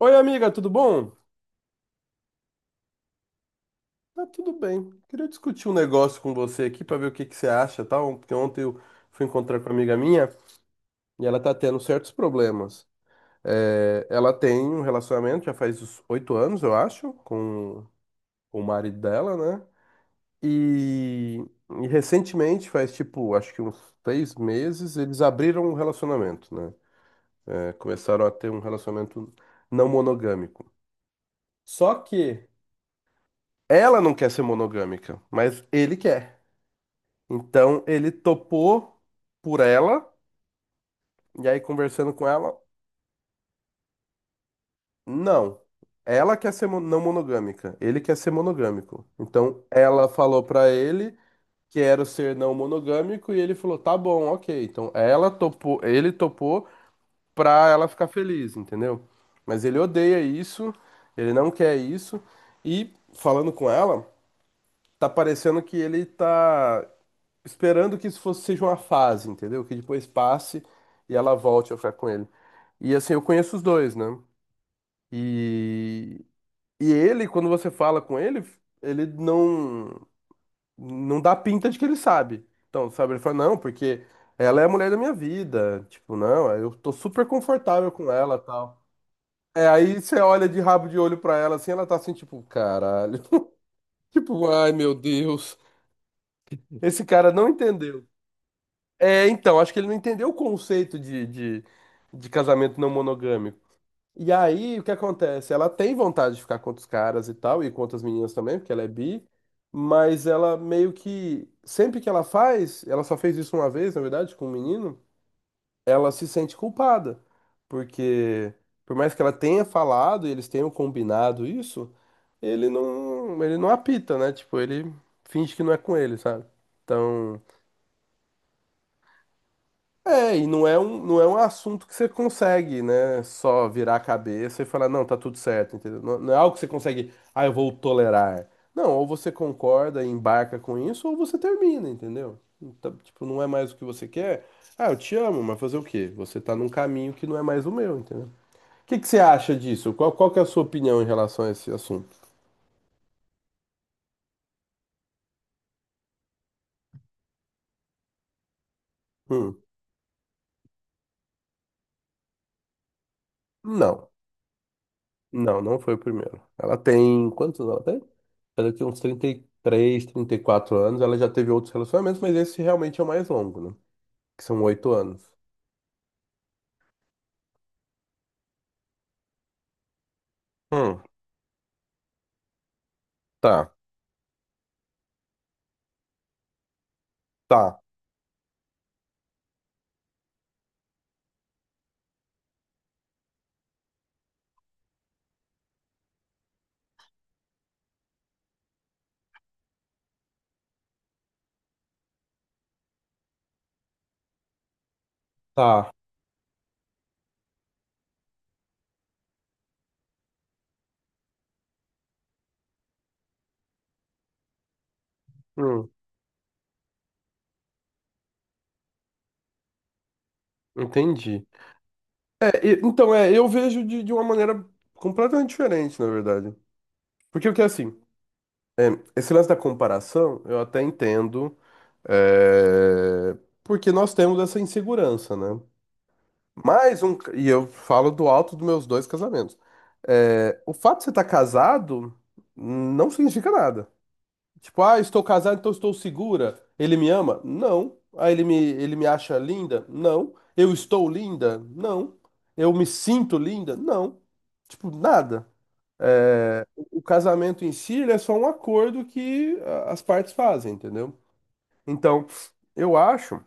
Oi, amiga, tudo bom? Tá tudo bem. Queria discutir um negócio com você aqui pra ver o que que você acha, tal, porque ontem eu fui encontrar com uma amiga minha e ela tá tendo certos problemas. É, ela tem um relacionamento já faz uns 8 anos, eu acho, com o marido dela, né? E, e recentemente, faz tipo, acho que uns 6 meses, eles abriram um relacionamento, né? É, começaram a ter um relacionamento não monogâmico. Só que ela não quer ser monogâmica, mas ele quer. Então ele topou por ela, e aí conversando com ela, não. Ela quer ser não monogâmica, ele quer ser monogâmico. Então ela falou pra ele que era o ser não monogâmico e ele falou: "Tá bom, OK". Então ela topou, ele topou pra ela ficar feliz, entendeu? Mas ele odeia isso, ele não quer isso e falando com ela, tá parecendo que ele tá esperando que isso fosse, seja uma fase, entendeu? Que depois passe e ela volte a ficar com ele. E assim, eu conheço os dois, né? E, e ele, quando você fala com ele, ele não dá pinta de que ele sabe. Então, sabe, ele fala, não, porque ela é a mulher da minha vida. Tipo, não, eu tô super confortável com ela, tal. É, aí você olha de rabo de olho pra ela, assim, ela tá assim, tipo, caralho. Tipo, ai, meu Deus. Esse cara não entendeu. É, então, acho que ele não entendeu o conceito de casamento não monogâmico. E aí, o que acontece? Ela tem vontade de ficar com outros caras e tal, e com outras meninas também, porque ela é bi, mas ela meio que, sempre que ela faz, ela só fez isso uma vez, na verdade, com um menino, ela se sente culpada, porque por mais que ela tenha falado e eles tenham combinado isso, ele não apita, né? Tipo, ele finge que não é com ele, sabe? Então. É, e não é um assunto que você consegue, né? Só virar a cabeça e falar, não, tá tudo certo, entendeu? Não, não é algo que você consegue, eu vou tolerar. Não, ou você concorda e embarca com isso, ou você termina, entendeu? Então, tipo, não é mais o que você quer. Ah, eu te amo, mas fazer o quê? Você tá num caminho que não é mais o meu, entendeu? O que que você acha disso? Qual que é a sua opinião em relação a esse assunto? Hum, não. Não, não foi o primeiro. Ela tem. Quantos anos ela tem? Ela tem uns trinta e três, 34 anos. Ela já teve outros relacionamentos, mas esse realmente é o mais longo, né? Que são 8 anos. Hum, tá, tá, tá. Hum, entendi. É, então, eu vejo de uma maneira completamente diferente, na verdade. Porque o que é assim, esse lance da comparação, eu até entendo, é, porque nós temos essa insegurança, né? Mais um. E eu falo do alto dos meus dois casamentos. É, o fato de você estar casado não significa nada. Tipo, ah, estou casado, então estou segura. Ele me ama? Não. Ah, ele me acha linda? Não. Eu estou linda? Não. Eu me sinto linda? Não. Tipo, nada. É, o casamento em si, ele é só um acordo que as partes fazem, entendeu? Então, eu acho.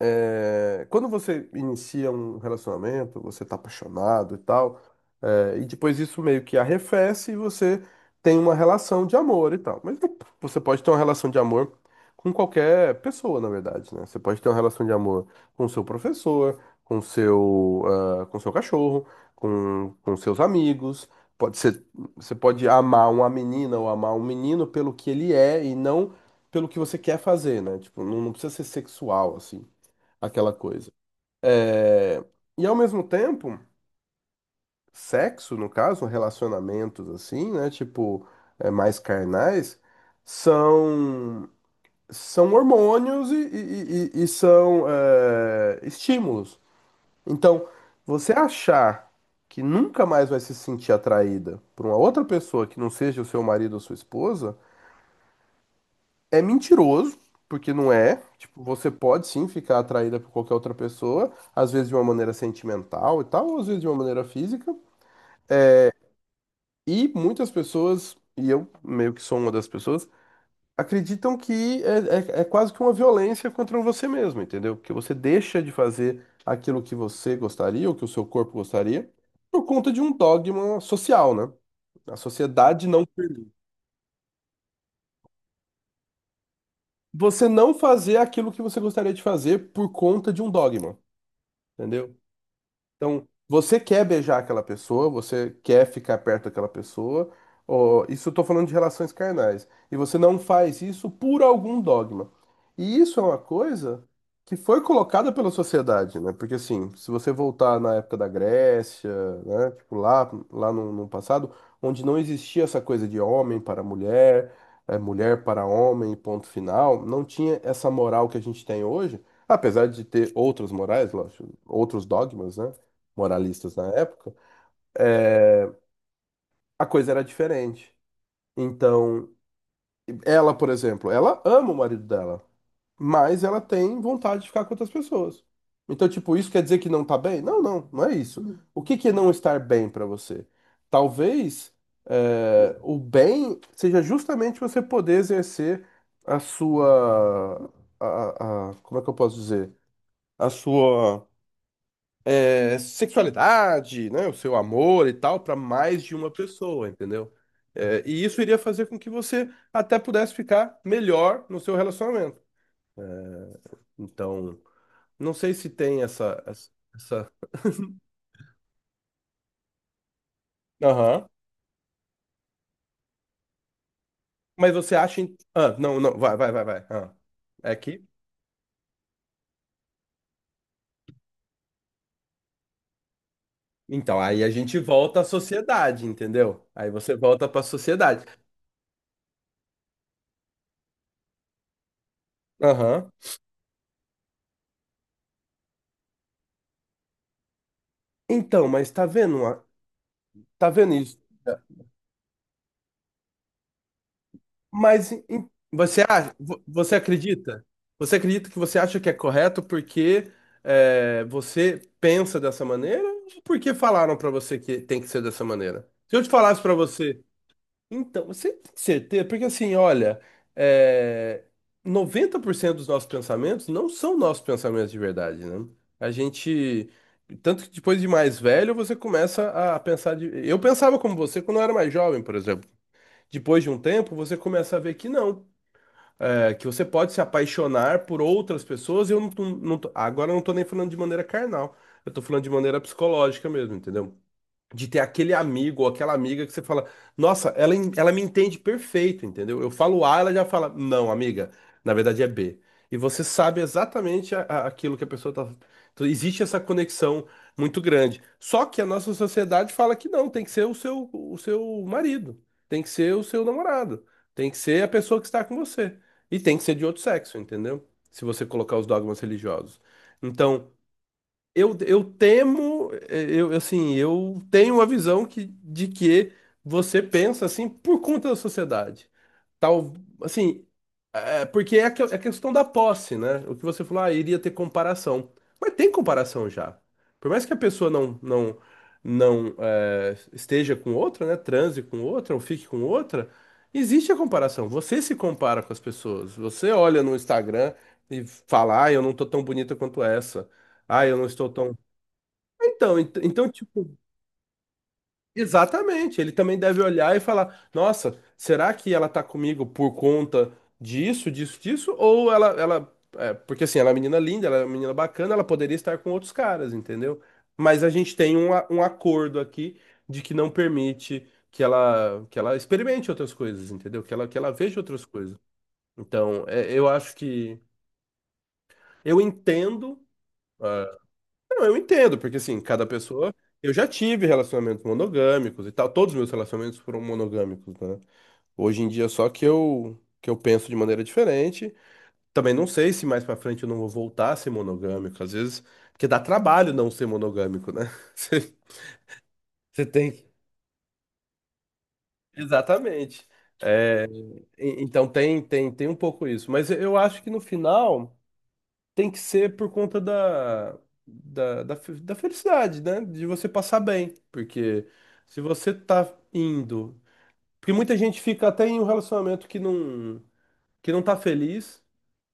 É, quando você inicia um relacionamento, você tá apaixonado e tal, e depois isso meio que arrefece e você tem uma relação de amor e tal. Mas você pode ter uma relação de amor com qualquer pessoa, na verdade, né? Você pode ter uma relação de amor com o seu professor, com o seu, com o seu cachorro, com seus amigos. Pode ser, você pode amar uma menina ou amar um menino pelo que ele é e não pelo que você quer fazer, né? Tipo, não precisa ser sexual, assim aquela coisa. É, E ao mesmo tempo, sexo, no caso, relacionamentos assim, né? Tipo, mais carnais, são, são hormônios e são estímulos. Então, você achar que nunca mais vai se sentir atraída por uma outra pessoa que não seja o seu marido ou sua esposa. É mentiroso, porque não é. Tipo, você pode sim ficar atraída por qualquer outra pessoa, às vezes de uma maneira sentimental e tal, ou às vezes de uma maneira física. E muitas pessoas, e eu meio que sou uma das pessoas, acreditam que é quase que uma violência contra você mesmo, entendeu? Que você deixa de fazer aquilo que você gostaria, ou que o seu corpo gostaria, por conta de um dogma social, né? A sociedade não permite. Você não fazer aquilo que você gostaria de fazer por conta de um dogma, entendeu? Então, você quer beijar aquela pessoa, você quer ficar perto daquela pessoa, ó, isso eu tô falando de relações carnais, e você não faz isso por algum dogma. E isso é uma coisa que foi colocada pela sociedade, né? Porque assim, se você voltar na época da Grécia, né, tipo lá no passado, onde não existia essa coisa de homem para mulher, mulher para homem, ponto final, não tinha essa moral que a gente tem hoje. Apesar de ter outras morais, lógico, outros dogmas, né, moralistas na época, a coisa era diferente. Então, ela, por exemplo, ela ama o marido dela, mas ela tem vontade de ficar com outras pessoas. Então, tipo, isso quer dizer que não tá bem? Não, não, não é isso. O que que é não estar bem pra você? Talvez o bem seja justamente você poder exercer a sua, a- como é que eu posso dizer? A sua sexualidade, né, o seu amor e tal, para mais de uma pessoa, entendeu? É, e isso iria fazer com que você até pudesse ficar melhor no seu relacionamento. Então, não sei se tem essa. Aham. Mas você acha, não, não, vai, vai, vai, vai. Ah, é aqui? Então, aí a gente volta à sociedade, entendeu? Aí você volta para a sociedade. Aham. Então, mas tá vendo, tá vendo isso? Mas você acha, você acredita? Você acredita que você acha que é correto porque você pensa dessa maneira ou porque falaram pra você que tem que ser dessa maneira? Se eu te falasse pra você, então, você tem certeza? Porque assim, olha, é, 90% dos nossos pensamentos não são nossos pensamentos de verdade, né? A gente, tanto que depois de mais velho, você começa a pensar de. Eu pensava como você quando eu era mais jovem, por exemplo depois de um tempo, você começa a ver que não, é que você pode se apaixonar por outras pessoas. E eu não, agora eu não tô nem falando de maneira carnal, eu tô falando de maneira psicológica mesmo, entendeu? De ter aquele amigo ou aquela amiga que você fala, nossa, ela, ela me entende perfeito, entendeu? Eu falo A, ela já fala, não, amiga, na verdade é B. E você sabe exatamente aquilo que a pessoa tá. Então, existe essa conexão muito grande. Só que a nossa sociedade fala que não, tem que ser o seu marido, tem que ser o seu namorado, tem que ser a pessoa que está com você. E tem que ser de outro sexo, entendeu? Se você colocar os dogmas religiosos. Então, eu temo, eh, eu assim, eu tenho a visão de que você pensa assim por conta da sociedade. Tal, assim, porque é a questão da posse, né? O que você falou, iria ter comparação. Mas tem comparação já. Por mais que a pessoa não esteja com outra, né? Transe com outra ou fique com outra, existe a comparação. Você se compara com as pessoas. Você olha no Instagram e fala, eu não tô tão bonita quanto essa. Ah, eu não estou tão. Então, tipo, exatamente. Ele também deve olhar e falar: Nossa, será que ela tá comigo por conta disso, disso, disso? Ou ela, é, porque assim, ela é uma menina linda, ela é uma menina bacana, ela poderia estar com outros caras, entendeu? Mas a gente tem um acordo aqui de que não permite que ela experimente outras coisas, entendeu? Que ela veja outras coisas. Então, eu acho que eu entendo. ah, Não, eu entendo, porque assim, cada pessoa. Eu já tive relacionamentos monogâmicos e tal. Todos os meus relacionamentos foram monogâmicos, né? Hoje em dia, só que eu penso de maneira diferente. Também não sei se mais pra frente eu não vou voltar a ser monogâmico. Às vezes, porque dá trabalho não ser monogâmico, né? Você você tem. Exatamente. Então tem um pouco isso. Mas eu acho que no final, tem que ser por conta da felicidade, né? De você passar bem. Porque se você tá indo. Porque muita gente fica até em um relacionamento que não tá feliz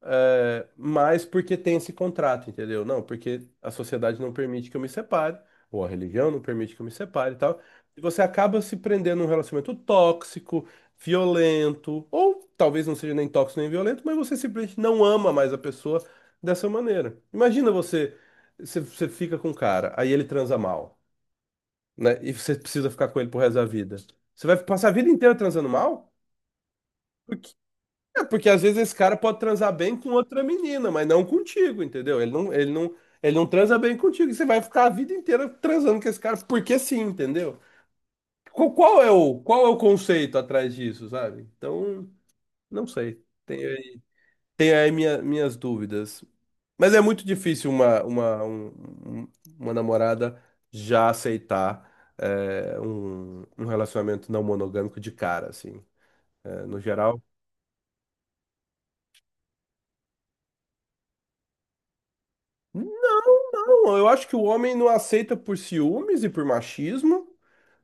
mas porque tem esse contrato, entendeu? Não, porque a sociedade não permite que eu me separe, ou a religião não permite que eu me separe e tal. E você acaba se prendendo num relacionamento tóxico, violento, ou talvez não seja nem tóxico nem violento, mas você simplesmente não ama mais a pessoa dessa maneira. Imagina você fica com um cara, aí ele transa mal, né? E você precisa ficar com ele pro resto da vida. Você vai passar a vida inteira transando mal? É, porque às vezes esse cara pode transar bem com outra menina, mas não contigo, entendeu? Ele não transa bem contigo. E você vai ficar a vida inteira transando com esse cara, porque sim, entendeu? Qual é o conceito atrás disso, sabe? Então, não sei. Tem aí minhas dúvidas. Mas é muito difícil um- uma namorada já aceitar um relacionamento não monogâmico de cara, assim. É, no geral. Não, eu acho que o homem não aceita por ciúmes e por machismo,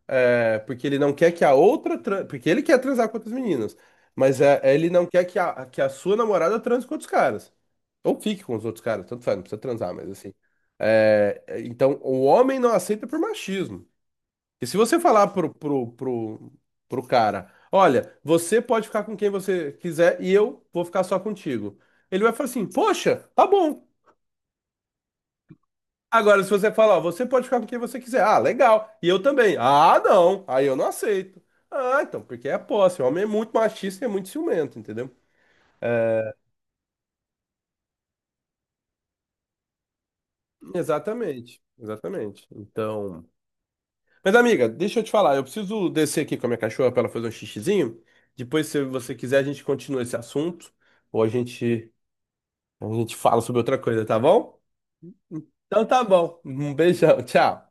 porque ele não quer que a outra, porque ele quer transar com outras meninas, mas ele não quer que que a sua namorada transe com outros caras. Ou fique com os outros caras, tanto faz, não precisa transar, mas assim. O homem não aceita por machismo. E se você falar pro cara, olha, você pode ficar com quem você quiser e eu vou ficar só contigo. Ele vai falar assim, poxa, tá bom. Agora, se você falar, ó, você pode ficar com quem você quiser. Ah, legal. E eu também. Ah, não. Aí eu não aceito. Ah, então, porque é a posse. O homem é muito machista e é muito ciumento, entendeu? Exatamente. Exatamente. Então. Mas, amiga, deixa eu te falar. Eu preciso descer aqui com a minha cachorra pra ela fazer um xixizinho. Depois, se você quiser, a gente continua esse assunto. Ou a gente fala sobre outra coisa, tá bom? Então tá bom. Um beijão. Tchau.